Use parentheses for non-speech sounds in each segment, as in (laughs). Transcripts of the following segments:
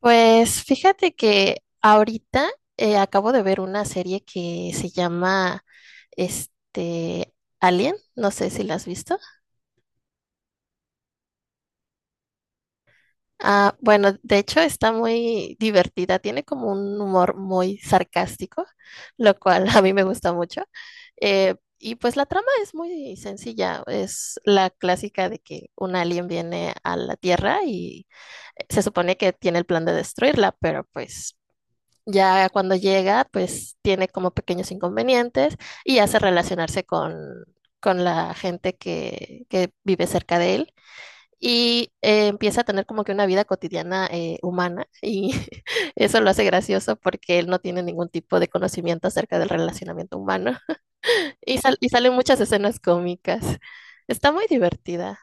Pues fíjate que ahorita acabo de ver una serie que se llama este Alien, no sé si la has visto. Ah, bueno, de hecho está muy divertida, tiene como un humor muy sarcástico, lo cual (laughs) a mí me gusta mucho. Y pues la trama es muy sencilla, es la clásica de que un alien viene a la Tierra y se supone que tiene el plan de destruirla, pero pues ya cuando llega, pues tiene como pequeños inconvenientes y hace relacionarse con la gente que vive cerca de él y empieza a tener como que una vida cotidiana humana y (laughs) eso lo hace gracioso porque él no tiene ningún tipo de conocimiento acerca del relacionamiento humano (laughs) y salen muchas escenas cómicas. Está muy divertida.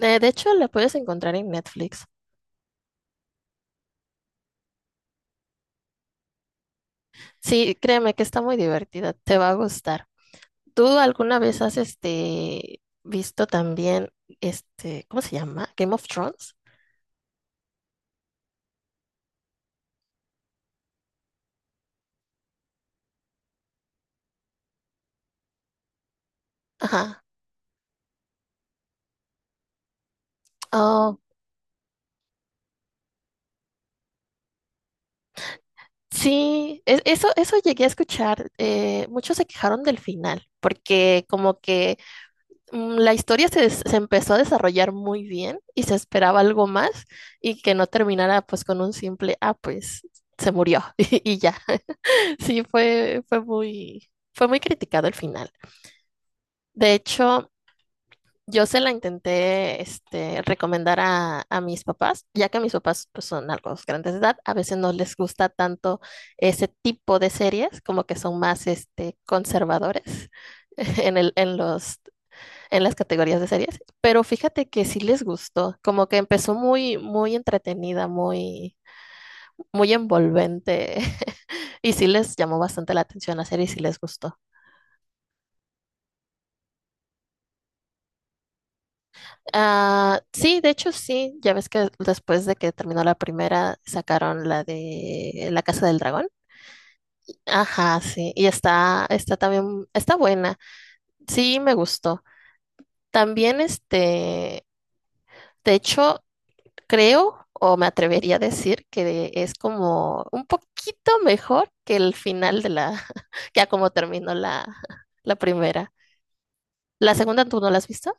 De hecho, la puedes encontrar en Netflix. Sí, créeme que está muy divertida, te va a gustar. ¿Tú alguna vez has visto también, ¿cómo se llama? Game of Thrones. Ajá. Oh, sí, eso, eso llegué a escuchar. Muchos se quejaron del final, porque como que la historia se empezó a desarrollar muy bien y se esperaba algo más y que no terminara pues con un simple, ah, pues se murió (laughs) y ya. (laughs) Sí, fue muy criticado el final. De hecho, yo se la intenté recomendar a mis papás, ya que mis papás pues, son algo grandes de edad, a veces no les gusta tanto ese tipo de series, como que son más conservadores (laughs) en el, en los, en las categorías de series, pero fíjate que sí les gustó, como que empezó muy, muy entretenida, muy, muy envolvente, (laughs) y sí les llamó bastante la atención la serie y sí les gustó. Ah, sí, de hecho sí, ya ves que después de que terminó la primera sacaron la de La Casa del Dragón. Ajá, sí, y está también, está buena. Sí, me gustó. También de hecho, creo o me atrevería a decir que es como un poquito mejor que el final de la, (laughs) ya como terminó la primera. La segunda, ¿tú no la has visto?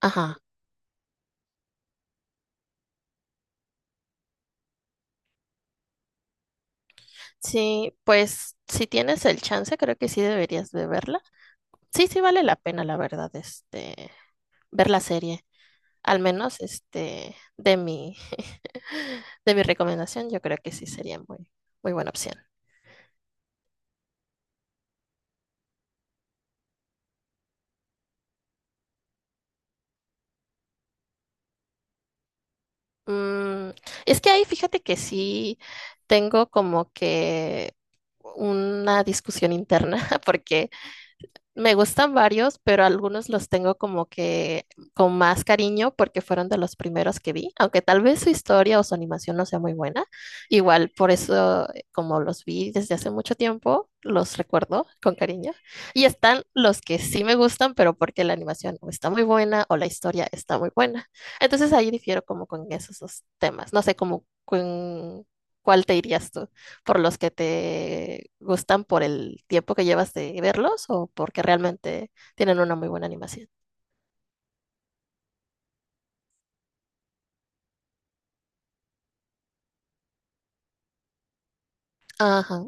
Ajá. Sí, pues si tienes el chance, creo que sí deberías de verla. Sí, sí vale la pena, la verdad, ver la serie. Al menos, de mi, (laughs) de mi recomendación, yo creo que sí sería muy, muy buena opción. Mm, es que ahí fíjate que sí tengo como que una discusión interna, (laughs) porque me gustan varios, pero algunos los tengo como que con más cariño porque fueron de los primeros que vi, aunque tal vez su historia o su animación no sea muy buena. Igual por eso, como los vi desde hace mucho tiempo, los recuerdo con cariño. Y están los que sí me gustan, pero porque la animación o está muy buena o la historia está muy buena. Entonces ahí difiero como con esos dos temas. No sé cómo con cuál te irías tú por los que te gustan por el tiempo que llevas de verlos o porque realmente tienen una muy buena animación. Ajá.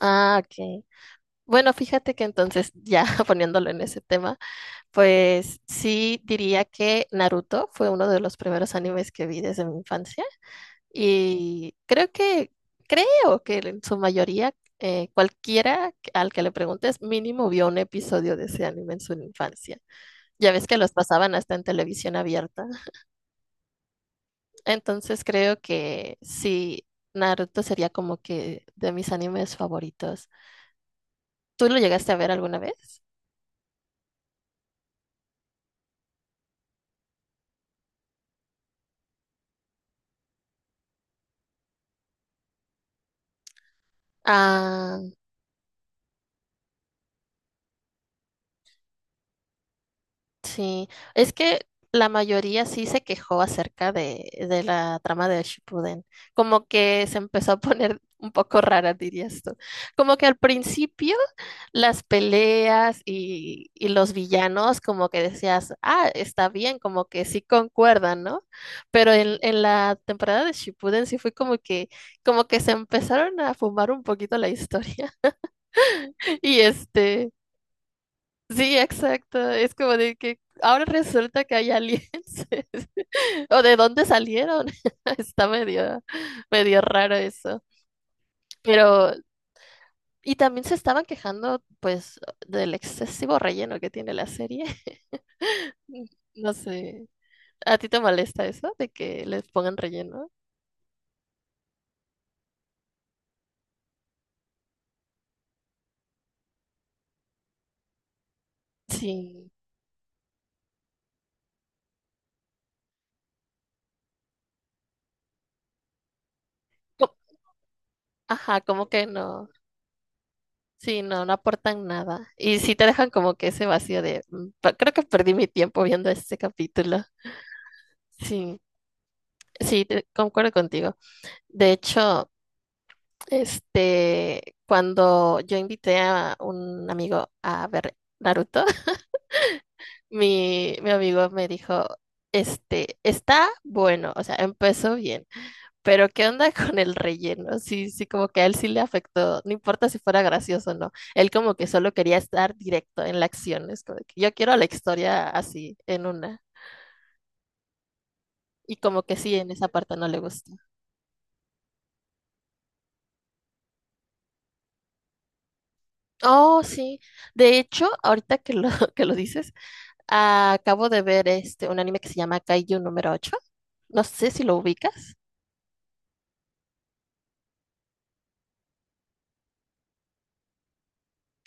Ah, ok. Bueno, fíjate que entonces, ya (laughs) poniéndolo en ese tema, pues sí diría que Naruto fue uno de los primeros animes que vi desde mi infancia y creo que en su mayoría, cualquiera al que le preguntes, mínimo vio un episodio de ese anime en su infancia. Ya ves que los pasaban hasta en televisión abierta. Entonces creo que sí, Naruto sería como que de mis animes favoritos. ¿Tú lo llegaste a ver alguna vez? Ah, sí, es que la mayoría sí se quejó acerca de la trama de Shippuden. Como que se empezó a poner un poco rara, dirías tú. Como que al principio las peleas y los villanos, como que decías, ah, está bien, como que sí concuerdan, ¿no? Pero en la temporada de Shippuden sí fue como que se empezaron a fumar un poquito la historia. (laughs) Y este. Sí, exacto. Es como de que ahora resulta que hay aliens. (laughs) ¿O de dónde salieron? (laughs) Está medio, medio raro eso. Pero, y también se estaban quejando, pues, del excesivo relleno que tiene la serie. (laughs) No sé. ¿A ti te molesta eso de que les pongan relleno? Sí. Co- Ajá, como que no. Sí, no, no aportan nada. Y sí te dejan como que ese vacío de, "Mm, creo que perdí mi tiempo viendo este capítulo." Sí. Sí, concuerdo contigo. De hecho, cuando yo invité a un amigo a ver Naruto, (laughs) mi amigo me dijo, está bueno, o sea, empezó bien, pero ¿qué onda (laughs) con el relleno? Sí, sí, como que a él sí le afectó, no importa si fuera gracioso o no, él como que solo quería estar directo en la acción, es como de que yo quiero la historia así, en una, y como que sí, en esa parte no le gustó. Oh, sí. De hecho, ahorita que lo, (laughs) que lo dices, acabo de ver un anime que se llama Kaiju número 8. No sé si lo ubicas.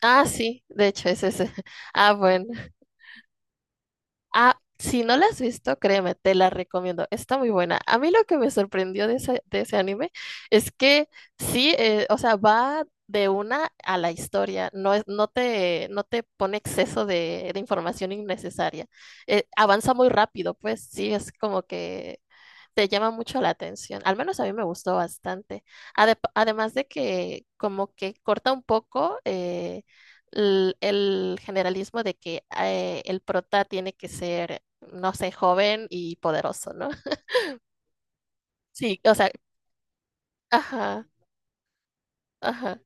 Ah, sí, de hecho es ese. (laughs) Ah, bueno. Ah, si no la has visto, créeme, te la recomiendo. Está muy buena. A mí lo que me sorprendió de ese anime es que sí, o sea, va de una a la historia. No te pone exceso de información innecesaria. Avanza muy rápido, pues sí, es como que te llama mucho la atención. Al menos a mí me gustó bastante. Además de que como que corta un poco el, generalismo de que el prota tiene que ser, no sé, joven y poderoso, ¿no? Sí, o sea, ajá, ajá.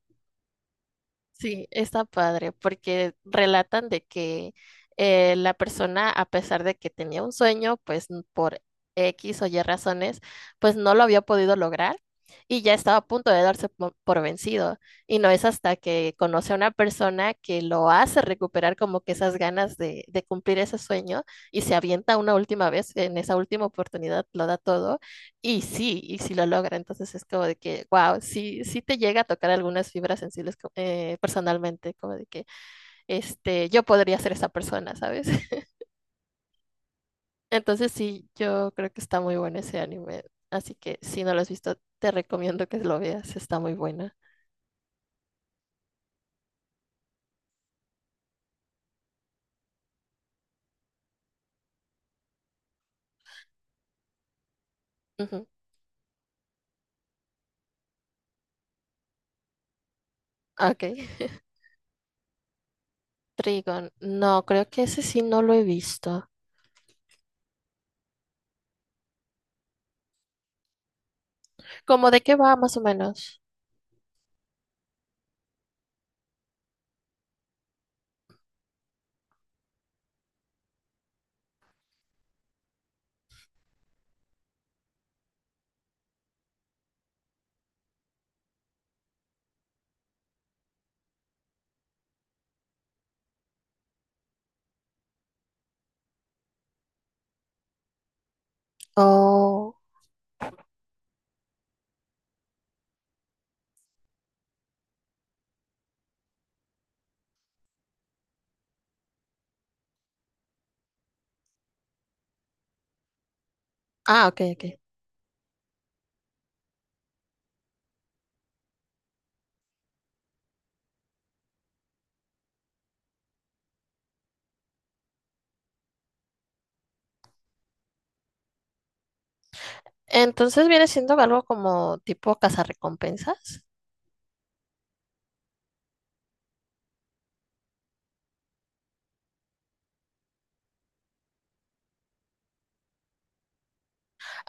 Sí, está padre, porque relatan de que la persona, a pesar de que tenía un sueño, pues por X o Y razones, pues no lo había podido lograr y ya estaba a punto de darse por vencido. Y no es hasta que conoce a una persona que lo hace recuperar como que esas ganas de cumplir ese sueño y se avienta una última vez, en esa última oportunidad lo da todo y sí, lo logra, entonces es como de que, wow, sí, sí te llega a tocar algunas fibras sensibles personalmente, como de que, yo podría ser esa persona, ¿sabes? (laughs) Entonces sí, yo creo que está muy bueno ese anime, así que si no lo has visto, te recomiendo que lo veas, está muy buena. Ujú, ok, (laughs) Trigon, no, creo que ese sí no lo he visto. ¿Cómo de qué va más o menos? Oh, ah, ok, ok. Entonces viene siendo algo como tipo cazarrecompensas.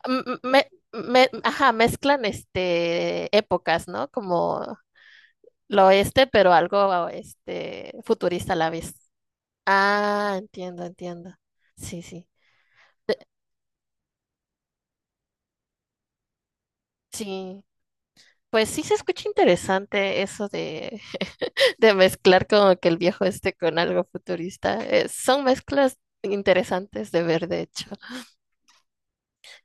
m- me, ajá, mezclan épocas, ¿no? Como lo oeste, pero algo futurista a la vez. Ah, entiendo, entiendo. Sí, sí. Sí. Pues sí se escucha interesante eso de, (laughs) de mezclar como que el viejo con algo futurista. Son mezclas interesantes de ver, de hecho.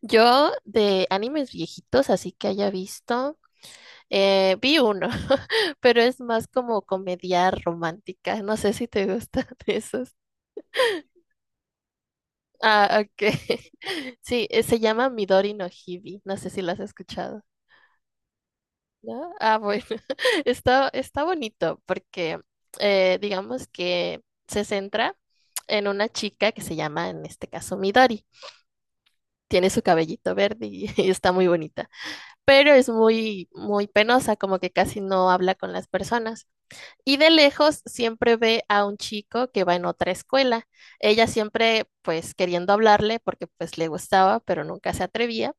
Yo de animes viejitos, así que haya visto. Vi uno, (laughs) pero es más como comedia romántica. No sé si te gustan (laughs) esos. Ah, ok. (laughs) Sí, se llama Midori no Hibi. No sé si lo has escuchado, ¿no? Ah, bueno. (laughs) Está bonito porque digamos que se centra en una chica que se llama, en este caso, Midori. Tiene su cabellito verde y, (laughs) y está muy bonita, pero es muy, muy penosa, como que casi no habla con las personas. Y de lejos siempre ve a un chico que va en otra escuela. Ella siempre pues queriendo hablarle porque pues le gustaba, pero nunca se atrevía.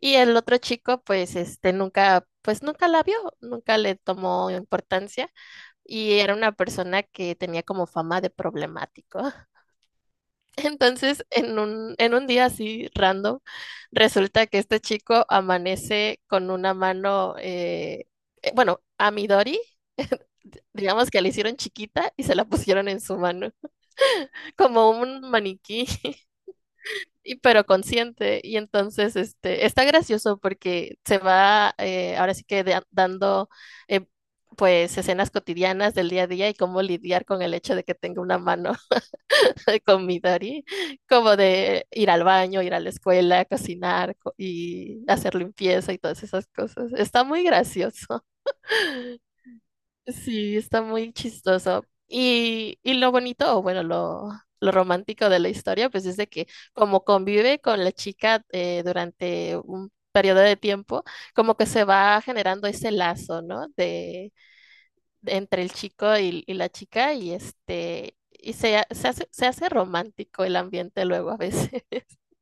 Y el otro chico pues nunca la vio, nunca le tomó importancia y era una persona que tenía como fama de problemático. (laughs) Entonces, en un día así random, resulta que este chico amanece con una mano bueno, a Midori. Digamos que la hicieron chiquita y se la pusieron en su mano, como un maniquí, (laughs) y, pero consciente. Y entonces está gracioso porque se va ahora sí que dando eh, pues escenas cotidianas del día a día y cómo lidiar con el hecho de que tenga una mano (laughs) con Midori, como de ir al baño, ir a la escuela, cocinar y hacer limpieza y todas esas cosas. Está muy gracioso. Sí, está muy chistoso. Y lo bonito, o bueno, lo romántico de la historia, pues es de que como convive con la chica durante un periodo de tiempo, como que se va generando ese lazo, ¿no? De entre el chico y la chica y este, y se, ha- se hace romántico el ambiente luego a veces. (laughs)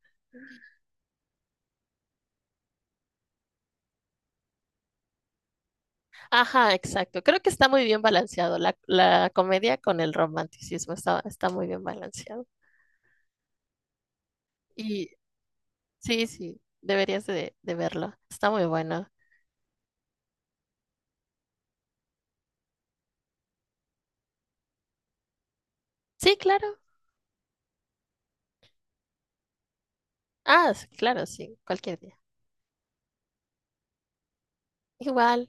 Ajá, exacto. Creo que está muy bien balanceado la comedia con el romanticismo, está muy bien balanceado. Sí, sí, deberías de verlo. Está muy bueno. Sí, claro. Ah, sí, claro, sí, cualquier día. Igual,